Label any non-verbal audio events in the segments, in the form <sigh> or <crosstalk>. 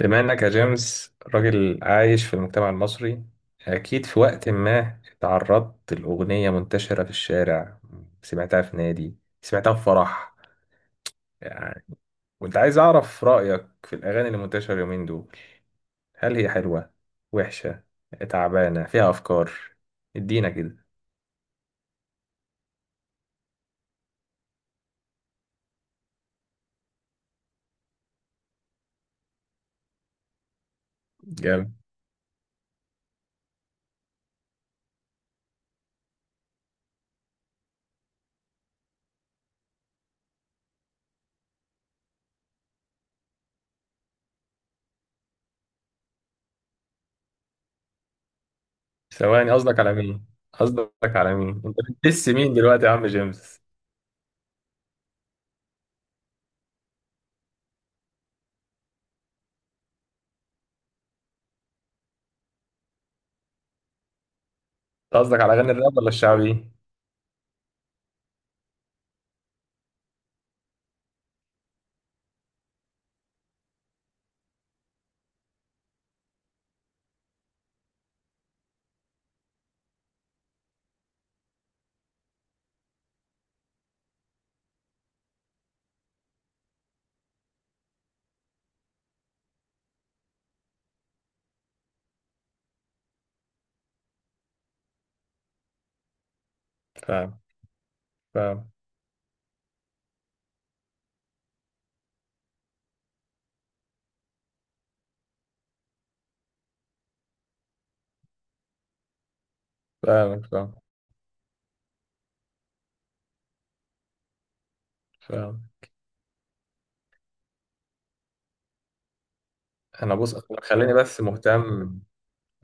بما انك يا جيمس راجل عايش في المجتمع المصري، اكيد في وقت ما اتعرضت لاغنيه منتشره في الشارع، سمعتها في نادي، سمعتها في فرح. يعني كنت عايز اعرف رايك في الاغاني اللي منتشره اليومين دول. هل هي حلوه، وحشه، تعبانه، فيها افكار؟ ادينا كده. جامد. ثواني، قصدك على مين؟ قصدك على مين انت بتدس مين دلوقتي يا عم جيمس؟ قصدك على اغاني الراب ولا الشعبي؟ فاهم. فاهم. فاهم. فاهم. انا بص، خليني بس مهتم.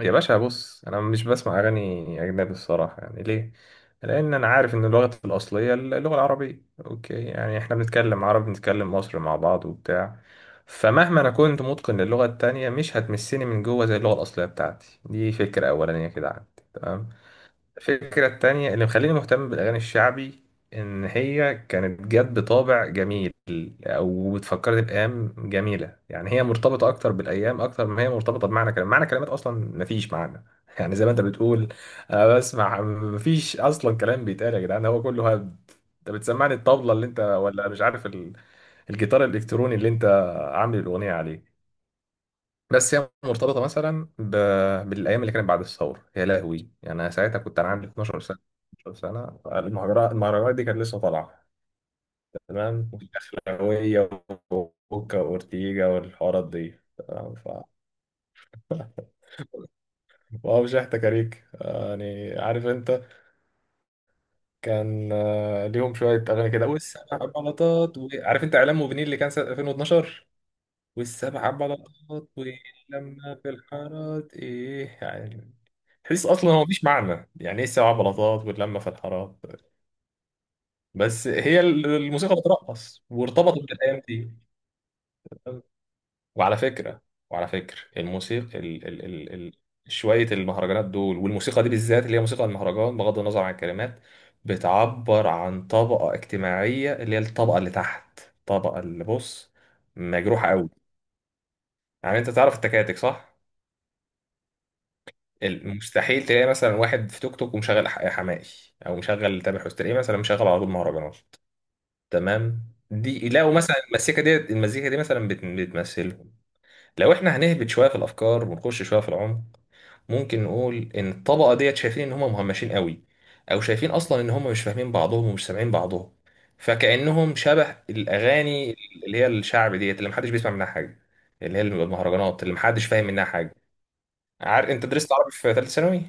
يا باشا بص، انا مش بسمع اغاني اجنبي الصراحه، يعني ليه؟ لان انا عارف ان اللغه الاصليه اللغه العربيه، اوكي، يعني احنا بنتكلم عربي، بنتكلم مصري مع بعض وبتاع. فمهما انا كنت متقن للغه التانية مش هتمسني من جوه زي اللغه الاصليه بتاعتي. دي فكره اولانيه كده عندي، تمام. الفكرة التانية اللي مخليني مهتم بالأغاني الشعبي إن هي كانت جت بطابع جميل أو بتفكرني بأيام جميلة. يعني هي مرتبطة أكتر بالأيام أكتر ما هي مرتبطة بمعنى كلام، معنى كلمات أصلا مفيش معنى <laughs> يعني زي ما أنت بتقول. أنا بسمع مفيش أصلا كلام بيتقال يا جدعان، هو كله هبد. أنت بتسمعني الطبلة اللي أنت، ولا مش عارف الجيتار الإلكتروني اللي أنت عامل الأغنية عليه. بس هي مرتبطه مثلا ب... بالايام اللي كانت بعد الثوره، يا لهوي. يعني انا ساعتها كنت انا عندي 12 سنه، 12 سنه. المهرجانات دي كانت لسه طالعه، تمام. اخلاويه وكوكا واورتيجا والحوارات دي، تمام. ف... واو، شحت كاريك، يعني عارف انت. كان ليهم شويه اغاني كده والسبع بلاطات و... عارف انت اعلام موبينيل اللي كان سنه 2012 والسبع بلاطات ولما في الحارات، ايه يعني؟ تحس اصلا هو مفيش معنى. يعني ايه السبع بلاطات واللمه في الحارات؟ بس هي الموسيقى بترقص وارتبطت بالايام دي. وعلى فكره، وعلى فكره الموسيقى ال ال ال ال شويه، المهرجانات دول والموسيقى دي بالذات اللي هي موسيقى المهرجان بغض النظر عن الكلمات، بتعبر عن طبقه اجتماعيه اللي هي الطبقه اللي تحت، الطبقه اللي بص، مجروحه قوي. يعني انت تعرف التكاتك صح؟ المستحيل تلاقي مثلا واحد في توك توك ومشغل حماقي او مشغل تامر حسني، تلاقيه مثلا مشغل على طول مهرجانات، تمام. دي لو مثلا المزيكا دي، مثلا بتمثلهم. لو احنا هنهبط شويه في الافكار ونخش شويه في العمق، ممكن نقول ان الطبقه ديت شايفين ان هم مهمشين قوي، او شايفين اصلا ان هم مش فاهمين بعضهم ومش سامعين بعضهم. فكانهم شبه الاغاني اللي هي الشعب ديت اللي محدش بيسمع منها حاجه، اللي هي المهرجانات اللي محدش فاهم منها حاجه. عارف انت درست عربي في ثالثه ثانوي؟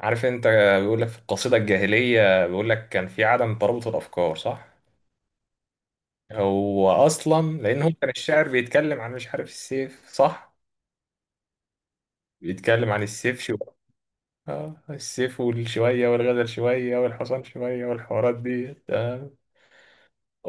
عارف انت، بيقول لك في القصيده الجاهليه بيقول لك كان في عدم ترابط الافكار صح؟ هو اصلا لان هو كان الشاعر بيتكلم عن مش عارف السيف صح؟ بيتكلم عن السيف شو. اه، السيف والشوية والغزل شوية والحصان شوية والحوارات دي.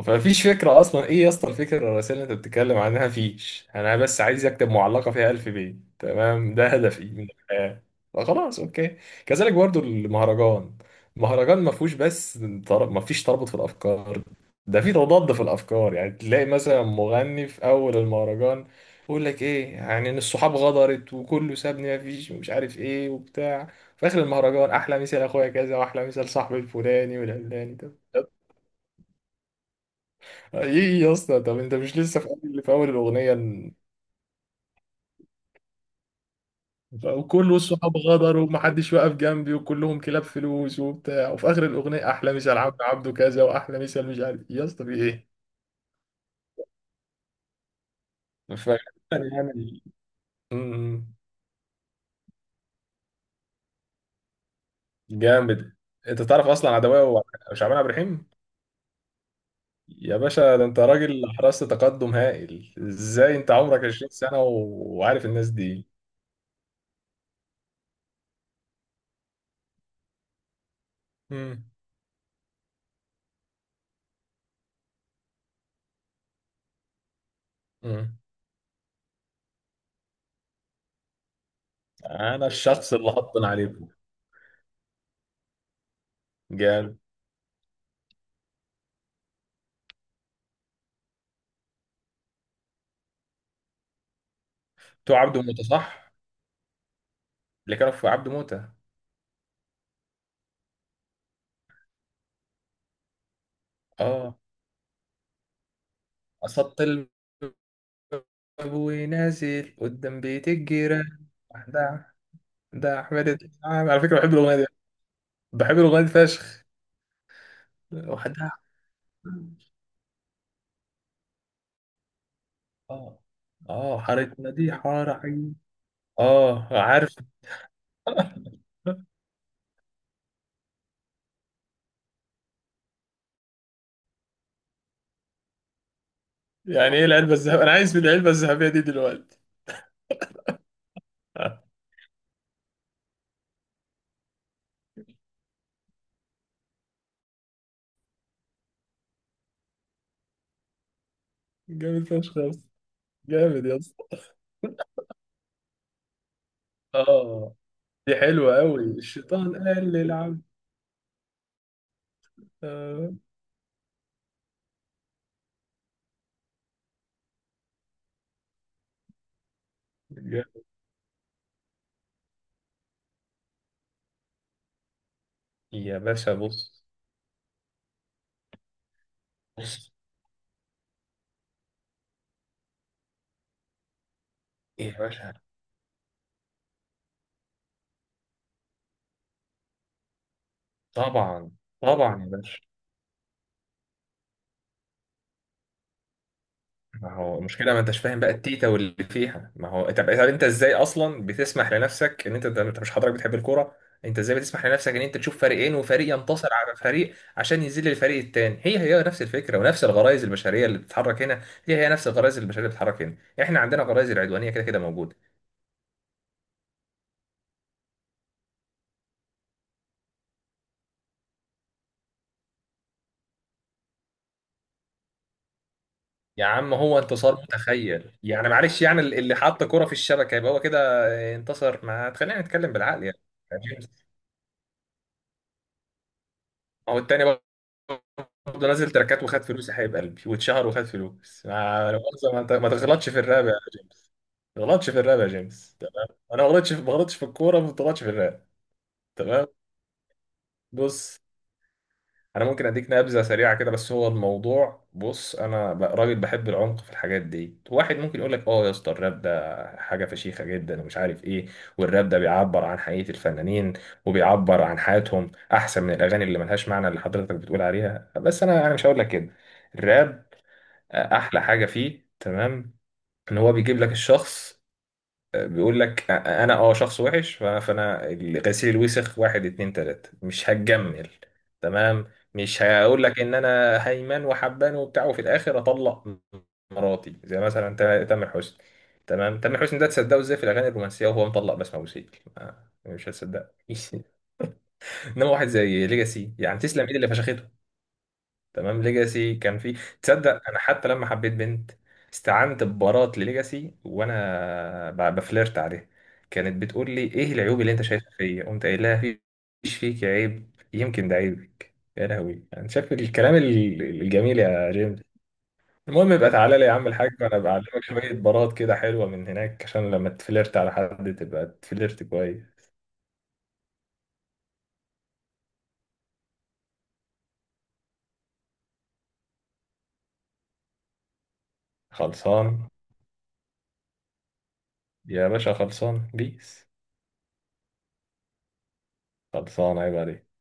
فمفيش فكرة أصلا. إيه يا اسطى الفكرة الرئيسية اللي أنت بتتكلم عنها؟ مفيش. أنا بس عايز أكتب معلقة فيها ألف بيت، تمام، ده هدفي من الحياة، فخلاص أوكي. كذلك برضو المهرجان. المهرجان مفهوش بس مفيش ترابط في الأفكار، ده في تضاد في الأفكار. يعني تلاقي مثلا مغني في أول المهرجان يقول لك إيه، يعني إن الصحاب غدرت وكله سابني مفيش ومش عارف إيه وبتاع. في آخر المهرجان أحلى مثال أخويا كذا وأحلى مثال صاحبي الفلاني والعلاني. ايه يا اسطى، طب انت مش لسه في اول، في اول الاغنيه وكل الصحاب غدر ومحدش واقف جنبي وكلهم كلاب فلوس وبتاع، وفي اخر الاغنيه احلى مثال عبد عبده كذا واحلى مثال مش عارف إيه. يا اسطى في ايه؟ ف- يعني، أمم، جامد. انت تعرف اصلا عدوية وشعبان عبد الرحيم؟ يا باشا، ده انت راجل حرصت، تقدم هائل ازاي انت عمرك 20 سنه وعارف الناس دي. أمم، أمم. انا الشخص اللي هطن عليكم. جامد. تو عبده موته صح؟ اللي كانوا في عبد موتة. اه، قصدت الباب ونازل قدام بيت الجيران، ده. ده احمد الدهاب. على فكره بحب الاغنيه دي. بحب الاغنيه دي فشخ. وحدها. اه. اه حارتنا دي حاره عين. اه، عارف. <laughs> يعني ايه العلبه الذهبيه؟ انا عايز من العلبه الذهبيه دي دلوقتي. <laughs> جامد فشخ يا اسطى. جامد يا اسطى. اه، دي حلوه قوي، الشيطان قال للعبد. آه. جامد. يا باشا بص. ايه يا باشا. طبعا. طبعا يا باشا. ما هو المشكله ما انتش فاهم بقى التيتا واللي فيها. ما هو، طب، طب انت ازاي اصلا بتسمح لنفسك ان انت ده، انت مش حضرتك بتحب الكوره؟ انت ازاي بتسمح لنفسك ان انت تشوف فريقين وفريق ينتصر على فريق عشان يذل الفريق التاني؟ هي هي نفس الفكره ونفس الغرائز البشريه اللي بتتحرك هنا، هي هي نفس الغرائز البشريه اللي بتتحرك هنا. احنا عندنا غرائز العدوانيه كده كده موجوده. يا عم هو انتصار متخيل، يعني معلش، يعني اللي حط كرة في الشبكه يبقى هو كده انتصر. ما تخلينا نتكلم بالعقل يعني. ما هو التاني برضه نازل تراكات وخد فلوس يا حبيب قلبي واتشهر وخد فلوس، ما لا مؤاخذة، ما انت، ما تغلطش في الراب يا جيمس. ما تغلطش في الراب يا جيمس، تمام. انا ما غلطتش، ما غلطتش في الكوره، ما غلطتش في الراب، تمام. بص، انا ممكن اديك نبذه سريعه كده. بس هو الموضوع، بص، انا راجل بحب العمق في الحاجات دي. واحد ممكن يقول لك اه يا اسطى الراب ده حاجه فشيخه جدا ومش عارف ايه، والراب ده بيعبر عن حقيقه الفنانين وبيعبر عن حياتهم احسن من الاغاني اللي ملهاش معنى اللي حضرتك بتقول عليها. بس انا مش هقول لك كده. الراب، احلى حاجه فيه، تمام، ان هو بيجيب لك الشخص، بيقول لك انا اه شخص وحش فانا غسيل الوسخ واحد اتنين تلاتة مش هتجمل، تمام. مش هقول لك ان انا هيمن وحبان وبتاع وفي الاخر اطلق مراتي، زي مثلا تامر حسني، تمام. تامر حسني ده تصدقه ازاي في الاغاني الرومانسيه وهو مطلق بسمة وسيل؟ مش هتصدق. <laughs> انما واحد زي ليجاسي يعني تسلم ايد اللي فشخته، تمام. ليجاسي كان في تصدق. انا حتى لما حبيت بنت استعنت ببارات لليجاسي وانا بفلرت عليها. كانت بتقول لي ايه العيوب اللي انت شايفها فيا، قمت قايل لها مفيش فيك عيب، يمكن ده عيبك. يا لهوي انا شايف الكلام الجميل يا جيمس. المهم يبقى تعالى لي يا عم الحاج وانا بعلمك شويه بارات كده حلوه من هناك عشان لما تفلرت على حد تبقى تفلرت كويس. خلصان يا باشا، خلصان بيس، خلصان عيب عليك.